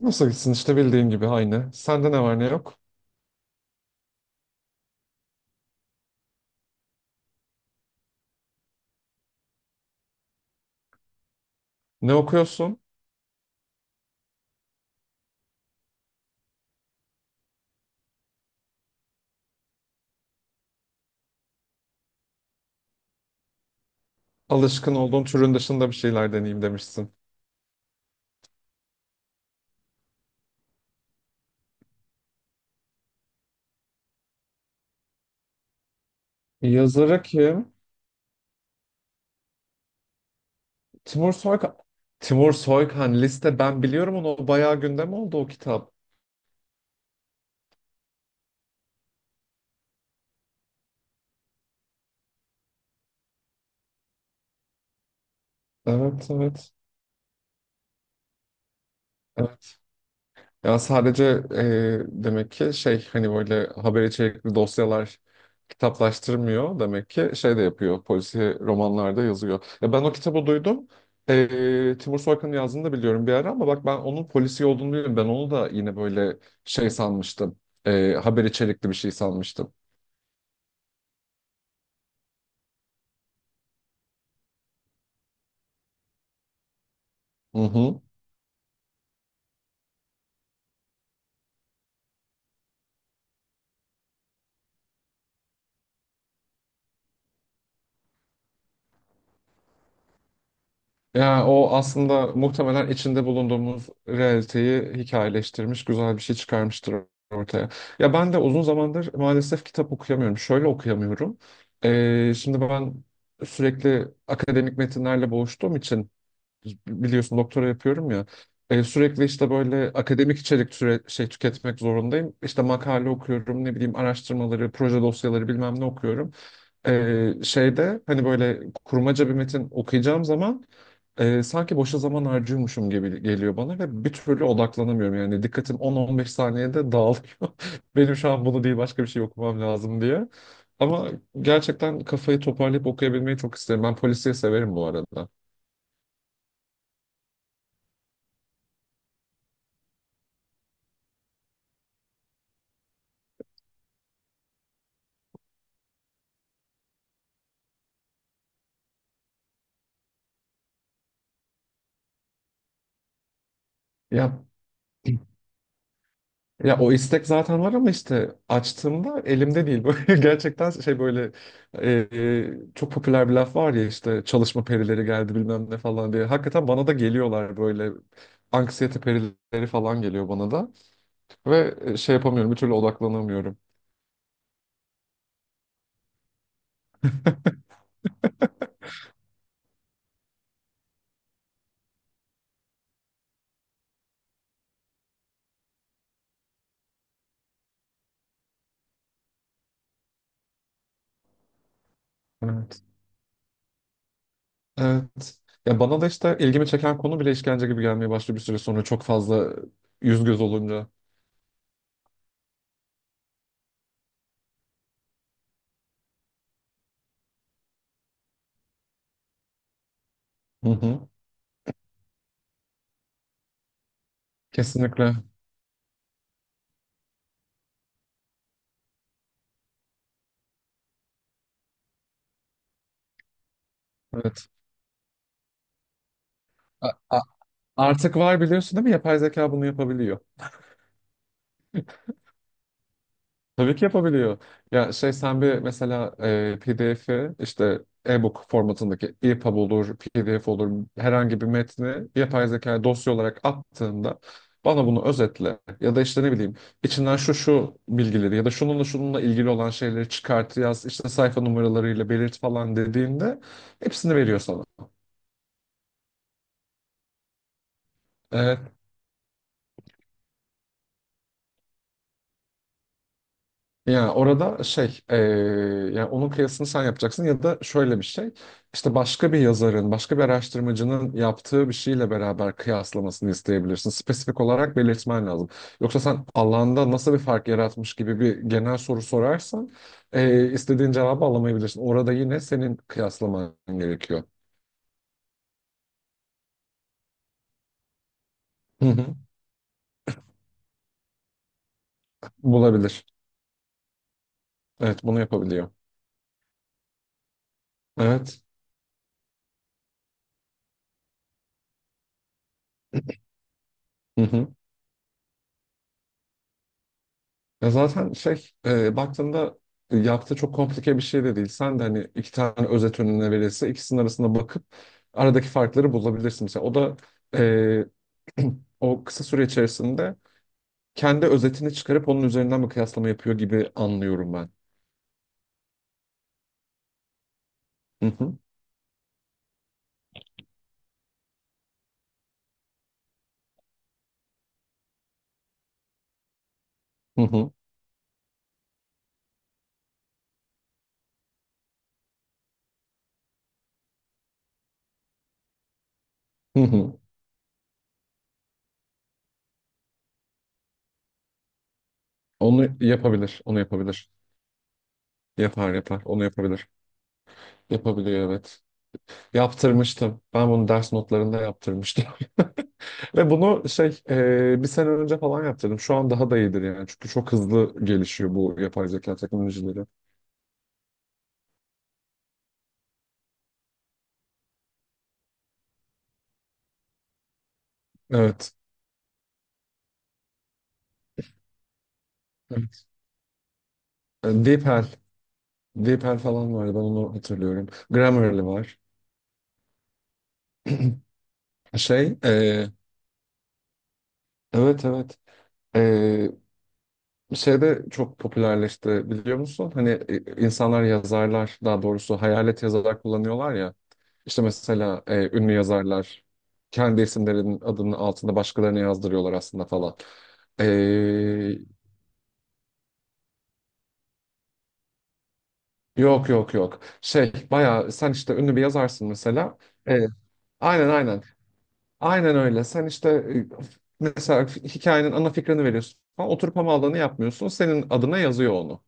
Nasıl gitsin işte bildiğin gibi aynı. Sende ne var ne yok? Ne okuyorsun? Alışkın olduğun türün dışında bir şeyler deneyeyim demişsin. Yazarı kim? Timur Soykan. Timur Soykan liste, ben biliyorum onu. O bayağı gündem oldu o kitap. Evet evet. Ya sadece demek ki şey hani böyle haber içerikli dosyalar kitaplaştırmıyor, demek ki şey de yapıyor, polisiye romanlarda yazıyor. Ya ben o kitabı duydum. Timur Soykan'ın yazdığını da biliyorum bir ara, ama bak, ben onun polisiye olduğunu biliyorum. Ben onu da yine böyle şey sanmıştım. Haber içerikli bir şey sanmıştım. Hı hı. Ya o aslında muhtemelen içinde bulunduğumuz realiteyi hikayeleştirmiş, güzel bir şey çıkarmıştır ortaya. Ya ben de uzun zamandır maalesef kitap okuyamıyorum. Şöyle okuyamıyorum. Şimdi ben sürekli akademik metinlerle boğuştuğum için biliyorsun, doktora yapıyorum ya. Sürekli işte böyle akademik içerik şey tüketmek zorundayım. İşte makale okuyorum, ne bileyim, araştırmaları, proje dosyaları, bilmem ne okuyorum. Şeyde hani böyle kurmaca bir metin okuyacağım zaman sanki boşa zaman harcıyormuşum gibi geliyor bana ve bir türlü odaklanamıyorum. Yani dikkatim on on beş saniyede dağılıyor. Benim şu an bunu değil, başka bir şey okumam lazım diye. Ama gerçekten kafayı toparlayıp okuyabilmeyi çok isterim. Ben polisiye severim bu arada. Ya Ya o istek zaten var, ama işte açtığımda elimde değil. Böyle gerçekten şey, böyle çok popüler bir laf var ya, işte çalışma perileri geldi, bilmem ne falan diye. Hakikaten bana da geliyorlar, böyle anksiyete perileri falan geliyor bana da ve şey yapamıyorum, bir türlü odaklanamıyorum. Evet. Evet. Ya bana da işte ilgimi çeken konu bile işkence gibi gelmeye başlıyor bir süre sonra, çok fazla yüz göz olunca. Hı hı. Kesinlikle. Evet. A- a- Artık var, biliyorsun değil mi? Yapay zeka bunu yapabiliyor. Tabii ki yapabiliyor. Ya şey, sen bir mesela PDF'i işte, e-book formatındaki, EPUB olur, PDF olur, herhangi bir metni yapay zeka dosya olarak attığında, bana bunu özetle ya da işte ne bileyim, içinden şu şu bilgileri ya da şununla şununla ilgili olan şeyleri çıkart, yaz işte sayfa numaralarıyla belirt falan dediğinde, hepsini veriyor sana. Evet. Yani orada şey, yani onun kıyasını sen yapacaksın ya da şöyle bir şey, işte başka bir yazarın, başka bir araştırmacının yaptığı bir şeyle beraber kıyaslamasını isteyebilirsin. Spesifik olarak belirtmen lazım. Yoksa sen alanda nasıl bir fark yaratmış gibi bir genel soru sorarsan, istediğin cevabı alamayabilirsin. Orada yine senin kıyaslaman gerekiyor. Hı hı. Bulabilir. Evet, bunu yapabiliyor. Evet. Hı hı. Ya zaten şey, baktığında yaptığı çok komplike bir şey de değil. Sen de hani iki tane özet önüne verirse, ikisinin arasında bakıp aradaki farkları bulabilirsin. Mesela o da e, o kısa süre içerisinde kendi özetini çıkarıp onun üzerinden bir kıyaslama yapıyor gibi anlıyorum ben. Hı hı, hı hı, hı hı. Onu yapabilir, onu yapabilir. Yapar yapar, onu yapabilir. Yapabiliyor, evet. Yaptırmıştım. Ben bunu ders notlarında yaptırmıştım. Ve bunu şey, bir sene önce falan yaptırdım. Şu an daha da iyidir yani. Çünkü çok hızlı gelişiyor bu yapay zeka teknolojileri. Evet. E, DeepL. DeepL falan vardı. Ben onu hatırlıyorum. Grammarly var. Şey, evet evet. E, şeyde çok popülerleşti, biliyor musun? Hani insanlar, yazarlar, daha doğrusu hayalet yazarlar kullanıyorlar ya. İşte mesela ünlü yazarlar kendi isimlerinin adının altında başkalarını yazdırıyorlar aslında falan. E, Yok yok yok. Şey, bayağı sen işte ünlü bir yazarsın mesela. Ee, aynen aynen. Aynen öyle. Sen işte mesela hikayenin ana fikrini veriyorsun falan. Oturup hamalını yapmıyorsun. Senin adına yazıyor onu.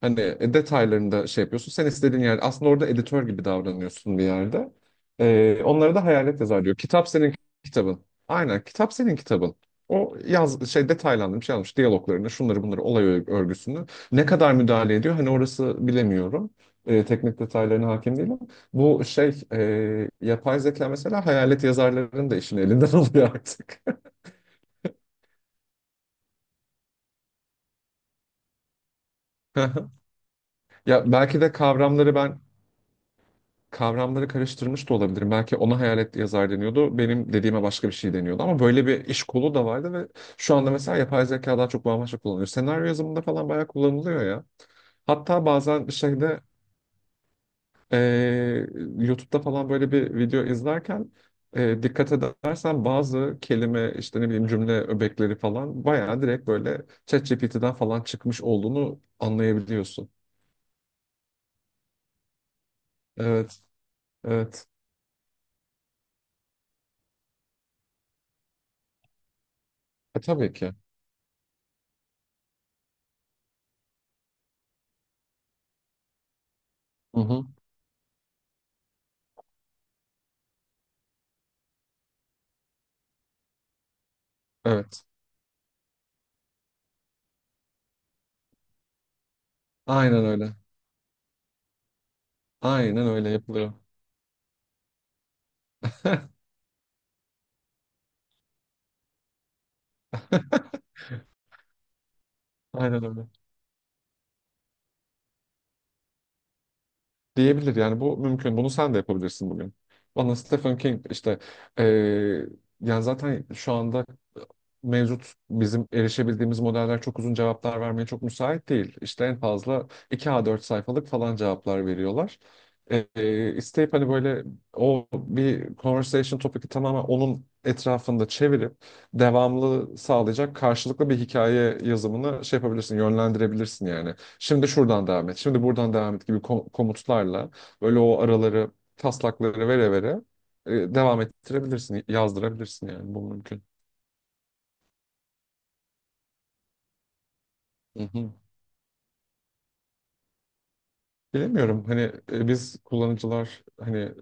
Hani detaylarını da şey yapıyorsun. Sen istediğin yer, aslında orada editör gibi davranıyorsun bir yerde. Onlara da hayalet yazar diyor. Kitap senin kitabın. Aynen, kitap senin kitabın. O yaz şey, detaylandırmış, şey almış, diyaloglarını, şunları bunları, olay örgüsünü, ne kadar müdahale ediyor hani, orası bilemiyorum. Teknik detaylarına hakim değilim. Bu şey, yapay zeka mesela hayalet yazarlarının da işini elinden alıyor artık. Ya belki de kavramları ben, kavramları karıştırmış da olabilirim. Belki ona hayalet yazar deniyordu, benim dediğime başka bir şey deniyordu. Ama böyle bir iş kolu da vardı ve şu anda mesela yapay zeka daha çok bambaşka kullanılıyor. Senaryo yazımında falan bayağı kullanılıyor ya. Hatta bazen şeyde, eee YouTube'da falan böyle bir video izlerken, dikkat edersen bazı kelime, işte ne bileyim, cümle öbekleri falan bayağı direkt böyle ChatGPT'den falan çıkmış olduğunu anlayabiliyorsun. Evet, evet. Tabii ki. Hı hı. Evet. Aynen öyle. Aynen öyle yapılıyor. Aynen öyle. Diyebilir yani, bu mümkün. Bunu sen de yapabilirsin bugün. Bana Stephen King işte, eee, yani zaten şu anda mevcut, bizim erişebildiğimiz modeller çok uzun cevaplar vermeye çok müsait değil. İşte en fazla 2 A4 sayfalık falan cevaplar veriyorlar. İsteyip hani böyle o bir conversation topic'i tamamen onun etrafında çevirip devamlı sağlayacak, karşılıklı bir hikaye yazımını şey yapabilirsin, yönlendirebilirsin yani. Şimdi şuradan devam et, şimdi buradan devam et gibi komutlarla böyle o araları, taslakları vere vere devam ettirebilirsin, yazdırabilirsin, yani bu mümkün. Hı hı. Bilemiyorum hani biz kullanıcılar, hani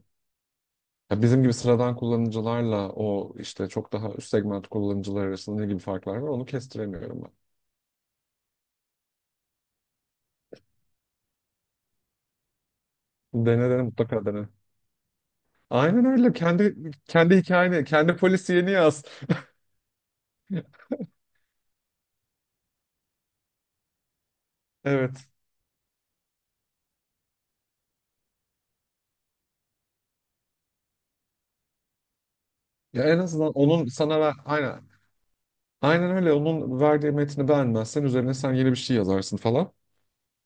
ya bizim gibi sıradan kullanıcılarla o işte çok daha üst segment kullanıcılar arasında ne gibi farklar var, onu kestiremiyorum ben. Dene dene, mutlaka dene. Aynen öyle, kendi hikayeni, kendi polisiyeni yaz. Evet. Ya en azından onun sana ver, aynen aynen öyle, onun verdiği metni beğenmezsen üzerine sen yeni bir şey yazarsın falan.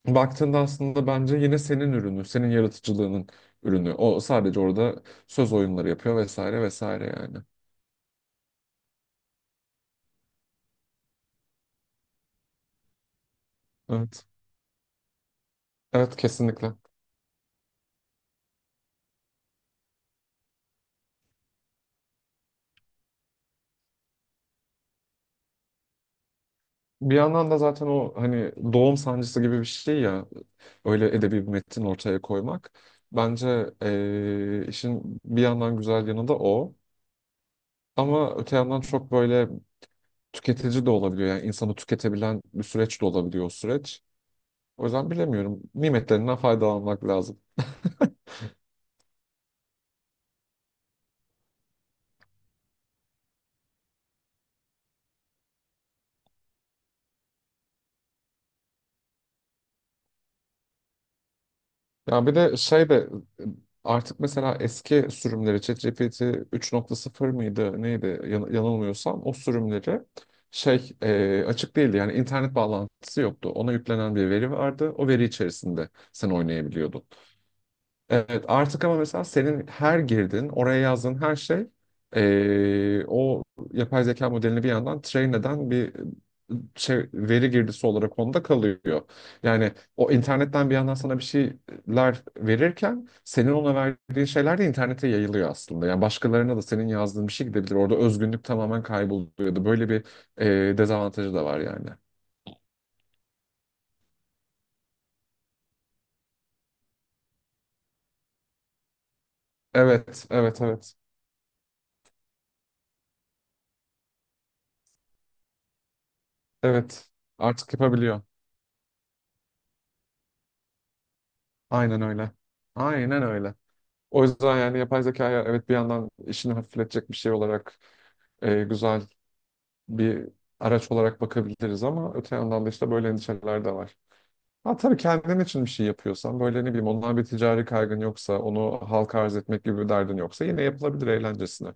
Baktığında aslında bence yine senin ürünü, senin yaratıcılığının ürünü. O sadece orada söz oyunları yapıyor vesaire vesaire yani. Evet. Evet kesinlikle. Bir yandan da zaten o hani doğum sancısı gibi bir şey ya, öyle edebi bir metin ortaya koymak. Bence işin bir yandan güzel yanı da o. Ama öte yandan çok böyle tüketici de olabiliyor. Yani insanı tüketebilen bir süreç de olabiliyor o süreç. O yüzden bilemiyorum. Nimetlerinden faydalanmak lazım. Ya bir de şey de, artık mesela eski sürümleri, ChatGPT 3.0 mıydı neydi, yanılmıyorsam o sürümleri şey, açık değildi, yani internet bağlantısı yoktu. Ona yüklenen bir veri vardı. O veri içerisinde sen oynayabiliyordun. Evet, artık ama mesela senin her girdin, oraya yazdığın her şey, o yapay zeka modelini bir yandan train eden bir şey, veri girdisi olarak onda kalıyor. Yani o internetten bir yandan sana bir şeyler verirken, senin ona verdiğin şeyler de internete yayılıyor aslında. Yani başkalarına da senin yazdığın bir şey gidebilir. Orada özgünlük tamamen kayboluyor. Kayboluyordu. Böyle bir dezavantajı da var yani. Evet, evet, evet. Evet. Artık yapabiliyor. Aynen öyle. Aynen öyle. O yüzden yani yapay zekaya evet, bir yandan işini hafifletecek bir şey olarak, güzel bir araç olarak bakabiliriz, ama öte yandan da işte böyle endişeler de var. Ha tabii, kendin için bir şey yapıyorsan, böyle ne bileyim, ondan bir ticari kaygın yoksa, onu halka arz etmek gibi bir derdin yoksa, yine yapılabilir eğlencesine.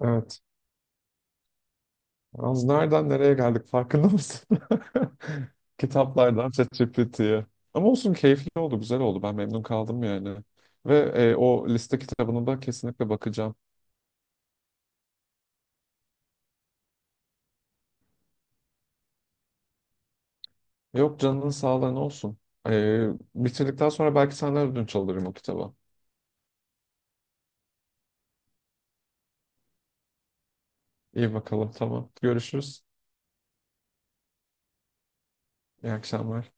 Evet. Az nereden nereye geldik, farkında mısın? Kitaplardan ChatGPT'ye. Ama olsun, keyifli oldu, güzel oldu. Ben memnun kaldım yani. Ve o liste kitabına da kesinlikle bakacağım. Yok, canının sağlığı, ne olsun. Ee, bitirdikten sonra belki senden ödünç alırım o kitabı. İyi bakalım, tamam. Görüşürüz. İyi akşamlar.